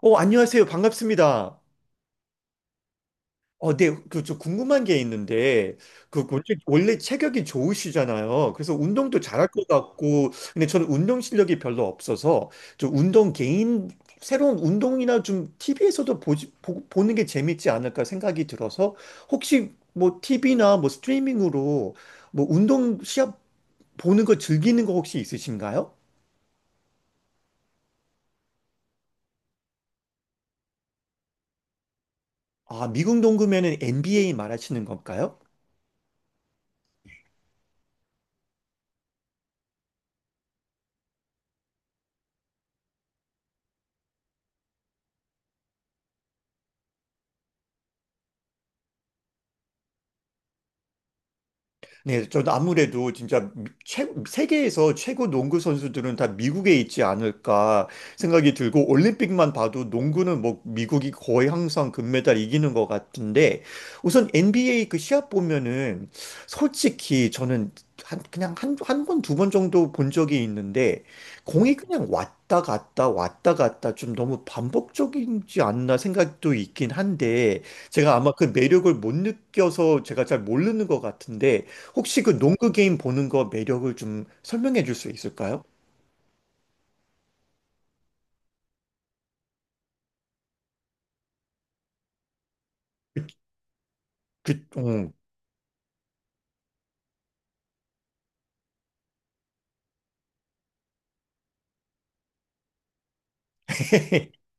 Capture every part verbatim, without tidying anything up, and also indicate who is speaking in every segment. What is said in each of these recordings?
Speaker 1: 어, 안녕하세요. 반갑습니다. 어, 네, 그, 저 궁금한 게 있는데, 그, 그 원래 체격이 좋으시잖아요. 그래서 운동도 잘할 것 같고, 근데 저는 운동 실력이 별로 없어서, 저 운동 개인, 새로운 운동이나 좀 티비에서도 보지, 보, 보는 게 재밌지 않을까 생각이 들어서, 혹시 뭐 티비나 뭐 스트리밍으로 뭐 운동 시합 보는 거 즐기는 거 혹시 있으신가요? 아, 미국 농구면은 엔비에이 말하시는 건가요? 네, 전 아무래도 진짜 최, 세계에서 최고 농구 선수들은 다 미국에 있지 않을까 생각이 들고, 올림픽만 봐도 농구는 뭐 미국이 거의 항상 금메달 이기는 것 같은데, 우선 엔비에이 그 시합 보면은 솔직히 저는 한, 그냥 한, 한 번, 두 번 정도 본 적이 있는데, 공이 그냥 왔다 갔다 왔다 갔다 좀 너무 반복적이지 않나 생각도 있긴 한데, 제가 아마 그 매력을 못 느껴서 제가 잘 모르는 것 같은데, 혹시 그 농구 게임 보는 거 매력을 좀 설명해 줄 수 있을까요? 그, 음.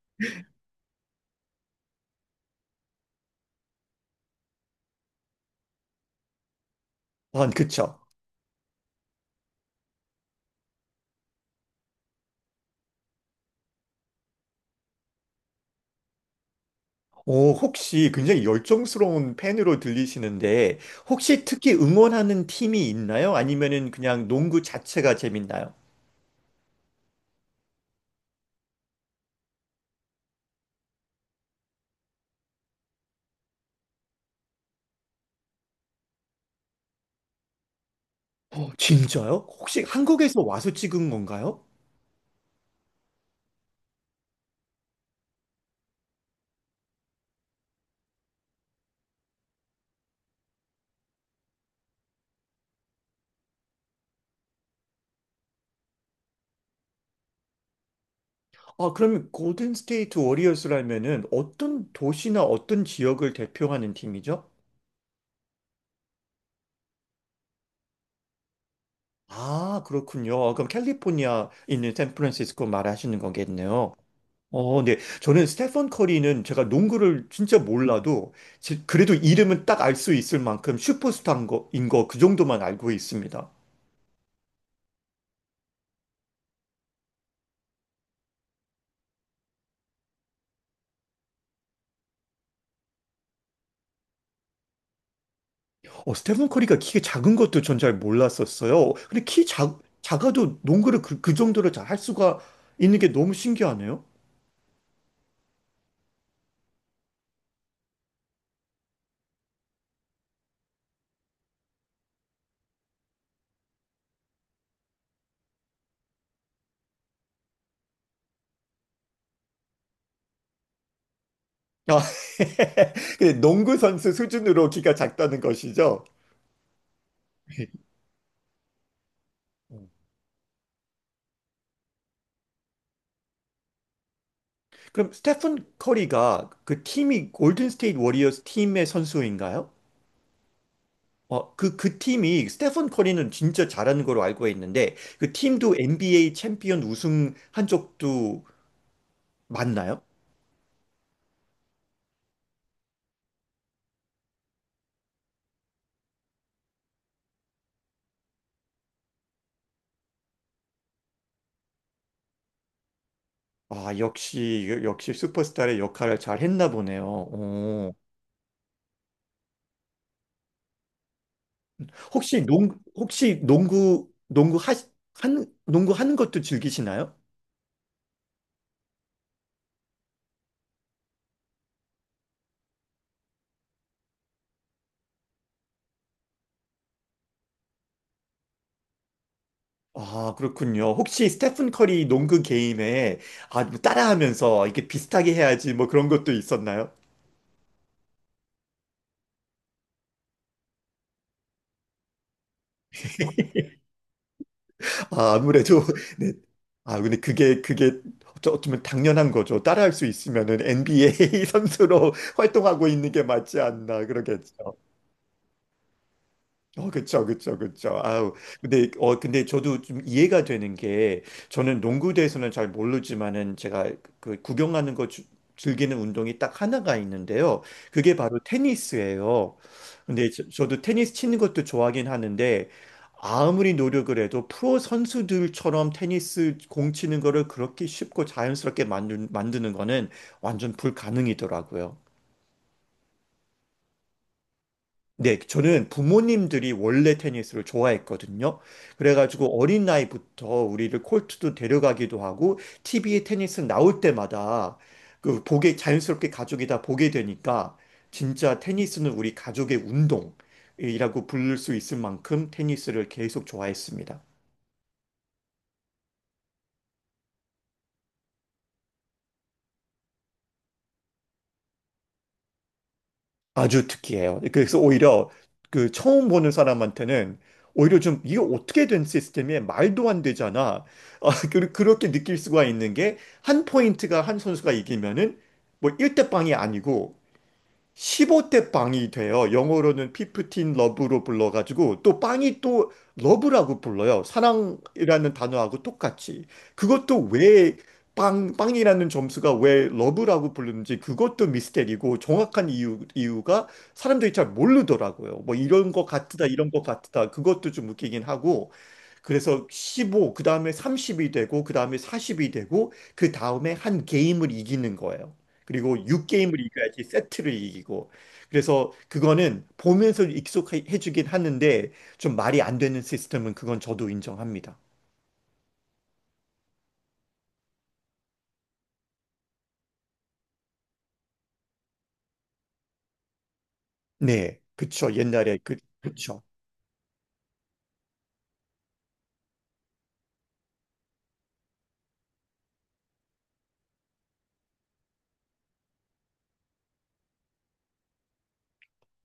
Speaker 1: 아, 그쵸. 오, 혹시 굉장히 열정스러운 팬으로 들리시는데, 혹시 특히 응원하는 팀이 있나요? 아니면은 그냥 농구 자체가 재밌나요? 어, 진짜요? 혹시 한국에서 와서 찍은 건가요? 아, 그럼 골든 스테이트 워리어스라면은 어떤 도시나 어떤 지역을 대표하는 팀이죠? 아, 그렇군요. 아, 그럼 캘리포니아 있는 샌프란시스코 말하시는 거겠네요. 어, 네. 저는 스테펀 커리는 제가 농구를 진짜 몰라도 지- 그래도 이름은 딱 알 수 있을 만큼 슈퍼스타인 거, 인 거, 그 정도만 알고 있습니다. 어, 스테펀 커리가 키가 작은 것도 전 잘 몰랐었어요. 근데 키 작, 작아도 농구를 그, 그 정도로 잘 할 수가 있는 게 너무 신기하네요. 아, 근데 농구 선수 수준으로 키가 작다는 것이죠. 그럼 스테픈 커리가 그 팀이 골든 스테이트 워리어스 팀의 선수인가요? 어, 그, 그 팀이 스테픈 커리는 진짜 잘하는 걸로 알고 있는데, 그 팀도 엔비에이 챔피언 우승한 적도 맞나요? 아, 역시 역시 슈퍼스타의 역할을 잘 했나 보네요. 어. 혹시 농 혹시 농구 농구 하, 한 농구 하는 것도 즐기시나요? 아, 그렇군요. 혹시 스테픈 커리 농구 게임에 아, 뭐 따라하면서 이렇게 비슷하게 해야지 뭐 그런 것도 있었나요? 아, 아무래도 네. 아, 근데 그게 그게 어쩌- 어쩌면 당연한 거죠. 따라할 수 있으면은 엔비에이 선수로 활동하고 있는 게 맞지 않나 그러겠죠. 어, 그쵸, 그쵸, 그쵸. 아우, 근데, 어, 근데 저도 좀 이해가 되는 게, 저는 농구에 대해서는 잘 모르지만은, 제가 그 구경하는 거 주- 즐기는 운동이 딱 하나가 있는데요. 그게 바로 테니스예요. 근데 저, 저도 테니스 치는 것도 좋아하긴 하는데, 아무리 노력을 해도 프로 선수들처럼 테니스 공 치는 거를 그렇게 쉽고 자연스럽게 만드, 만드는 거는 완전 불가능이더라고요. 네, 저는 부모님들이 원래 테니스를 좋아했거든요. 그래가지고 어린 나이부터 우리를 콜트도 데려가기도 하고, 티비에 테니스 나올 때마다 그 보게, 자연스럽게 가족이 다 보게 되니까, 진짜 테니스는 우리 가족의 운동이라고 부를 수 있을 만큼 테니스를 계속 좋아했습니다. 아주 특이해요. 그래서 오히려 그 처음 보는 사람한테는 오히려 좀, 이게 어떻게 된 시스템이야? 말도 안 되잖아. 아, 그- 그렇게 느낄 수가 있는 게, 한 포인트가 한 선수가 이기면은 뭐 일 대 영이 아니고 십오 대 빵이 돼요. 영어로는 피프틴 러브로 불러가지고 또 빵이 또 러브라고 불러요. 사랑이라는 단어하고 똑같이. 그것도 왜 빵, 빵이라는 점수가 왜 러브라고 부르는지 그것도 미스테리고, 정확한 이유, 이유가 사람들이 잘 모르더라고요. 뭐 이런 것 같다, 이런 것 같다. 그것도 좀 웃기긴 하고. 그래서 십오, 그 다음에 삼십이 되고, 그 다음에 사십이 되고, 그 다음에 한 게임을 이기는 거예요. 그리고 육 게임을 이겨야지 세트를 이기고. 그래서 그거는 보면서 익숙해 주긴 하는데, 좀 말이 안 되는 시스템은 그건 저도 인정합니다. 네, 그쵸. 옛날에 그, 그쵸.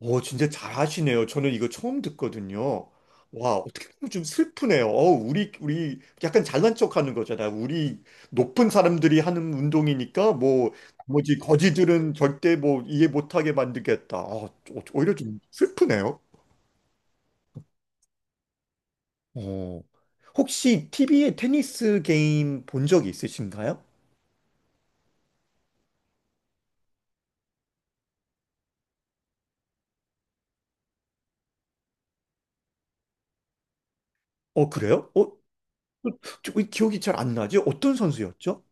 Speaker 1: 오, 진짜 잘하시네요. 저는 이거 처음 듣거든요. 와, 어떻게 보면 좀 슬프네요. 어, 우리, 우리 약간 잘난 척 하는 거잖아요. 우리 높은 사람들이 하는 운동이니까 뭐, 뭐지, 거지들은 절대 뭐 이해 못하게 만들겠다. 아, 오- 오히려 좀 슬프네요. 어. 혹시 티비에 테니스 게임 본 적이 있으신가요? 어, 그래요? 어, 저- 저- 왜 기억이 잘 안 나지? 어떤 선수였죠?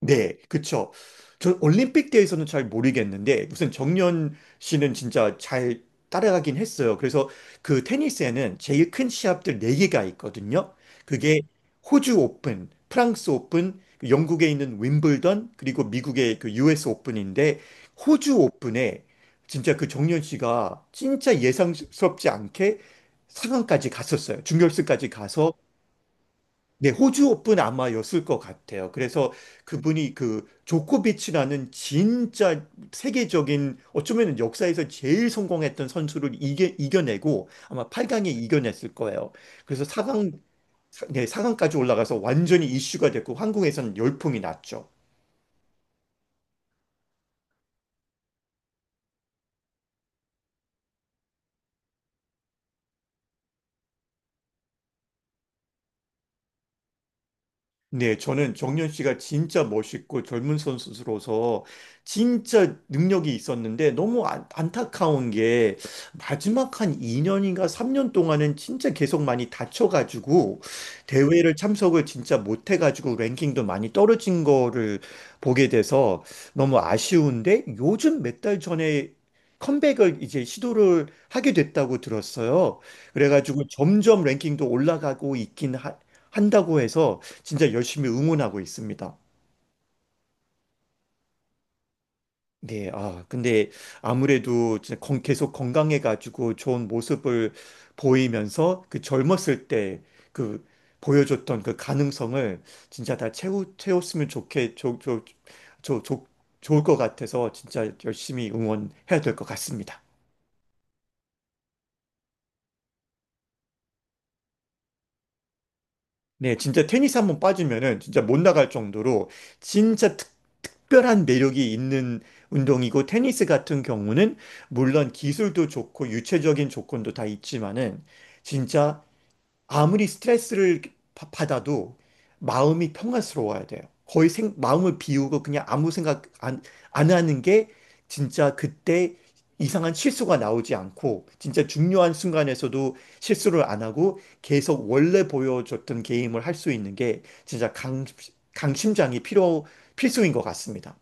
Speaker 1: 네, 그쵸. 저 올림픽 때에서는 잘 모르겠는데, 무슨 정연 씨는 진짜 잘 따라가긴 했어요. 그래서 그 테니스에는 제일 큰 시합들 네개가 있거든요. 그게 호주 오픈, 프랑스 오픈, 그 영국에 있는 윈블던, 그리고 미국의 그 유에스 오픈인데, 호주 오픈에 진짜 그 정연 씨가 진짜 예상스럽지 않게 상강까지 갔었어요. 준결승까지 가서 네, 호주 오픈 아마였을 것 같아요. 그래서 그분이 그 조코비치라는 진짜 세계적인 어쩌면 역사에서 제일 성공했던 선수를 이겨, 이겨내고 아마 팔 강에 이겨냈을 거예요. 그래서 사 강 네, 사 강까지 올라가서 완전히 이슈가 됐고 한국에서는 열풍이 났죠. 네, 저는 정현 씨가 진짜 멋있고 젊은 선수로서 진짜 능력이 있었는데 너무 안, 안타까운 게 마지막 한 이 년인가 삼 년 동안은 진짜 계속 많이 다쳐가지고 대회를 참석을 진짜 못해가지고 랭킹도 많이 떨어진 거를 보게 돼서 너무 아쉬운데, 요즘 몇 달 전에 컴백을 이제 시도를 하게 됐다고 들었어요. 그래가지고 점점 랭킹도 올라가고 있긴 하, 한다고 해서 진짜 열심히 응원하고 있습니다. 네, 아, 근데 아무래도 진짜 건- 계속 건강해가지고 좋은 모습을 보이면서 그 젊었을 때 그 보여줬던 그 가능성을 진짜 다 채우, 채웠으면 좋게, 좋, 좋, 좋, 좋, 좋을 것 같아서 진짜 열심히 응원해야 될 것 같습니다. 네, 진짜 테니스 한번 빠지면은 진짜 못 나갈 정도로 진짜 특, 특별한 매력이 있는 운동이고, 테니스 같은 경우는 물론 기술도 좋고 유체적인 조건도 다 있지만은 진짜 아무리 스트레스를 바- 받아도 마음이 평안스러워야 돼요. 거의 생, 마음을 비우고 그냥 아무 생각 안, 안 하는 게 진짜 그때 이상한 실수가 나오지 않고 진짜 중요한 순간에서도 실수를 안 하고 계속 원래 보여줬던 게임을 할 수 있는 게 진짜 강, 강심장이 필요, 필수인 것 같습니다.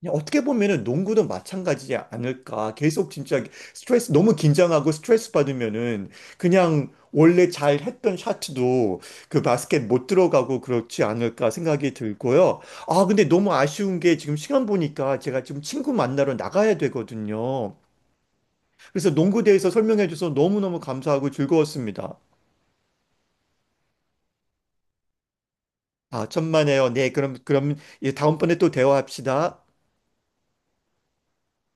Speaker 1: 그냥 어떻게 보면은 농구도 마찬가지지 않을까. 계속 진짜 스트레스, 너무 긴장하고 스트레스 받으면은 그냥 원래 잘 했던 샷도 그 바스켓 못 들어가고 그렇지 않을까 생각이 들고요. 아, 근데 너무 아쉬운 게 지금 시간 보니까 제가 지금 친구 만나러 나가야 되거든요. 그래서 농구 대해서 설명해 줘서 너무너무 감사하고 즐거웠습니다. 아, 천만에요. 네, 그럼, 그럼 예, 다음번에 또 대화합시다.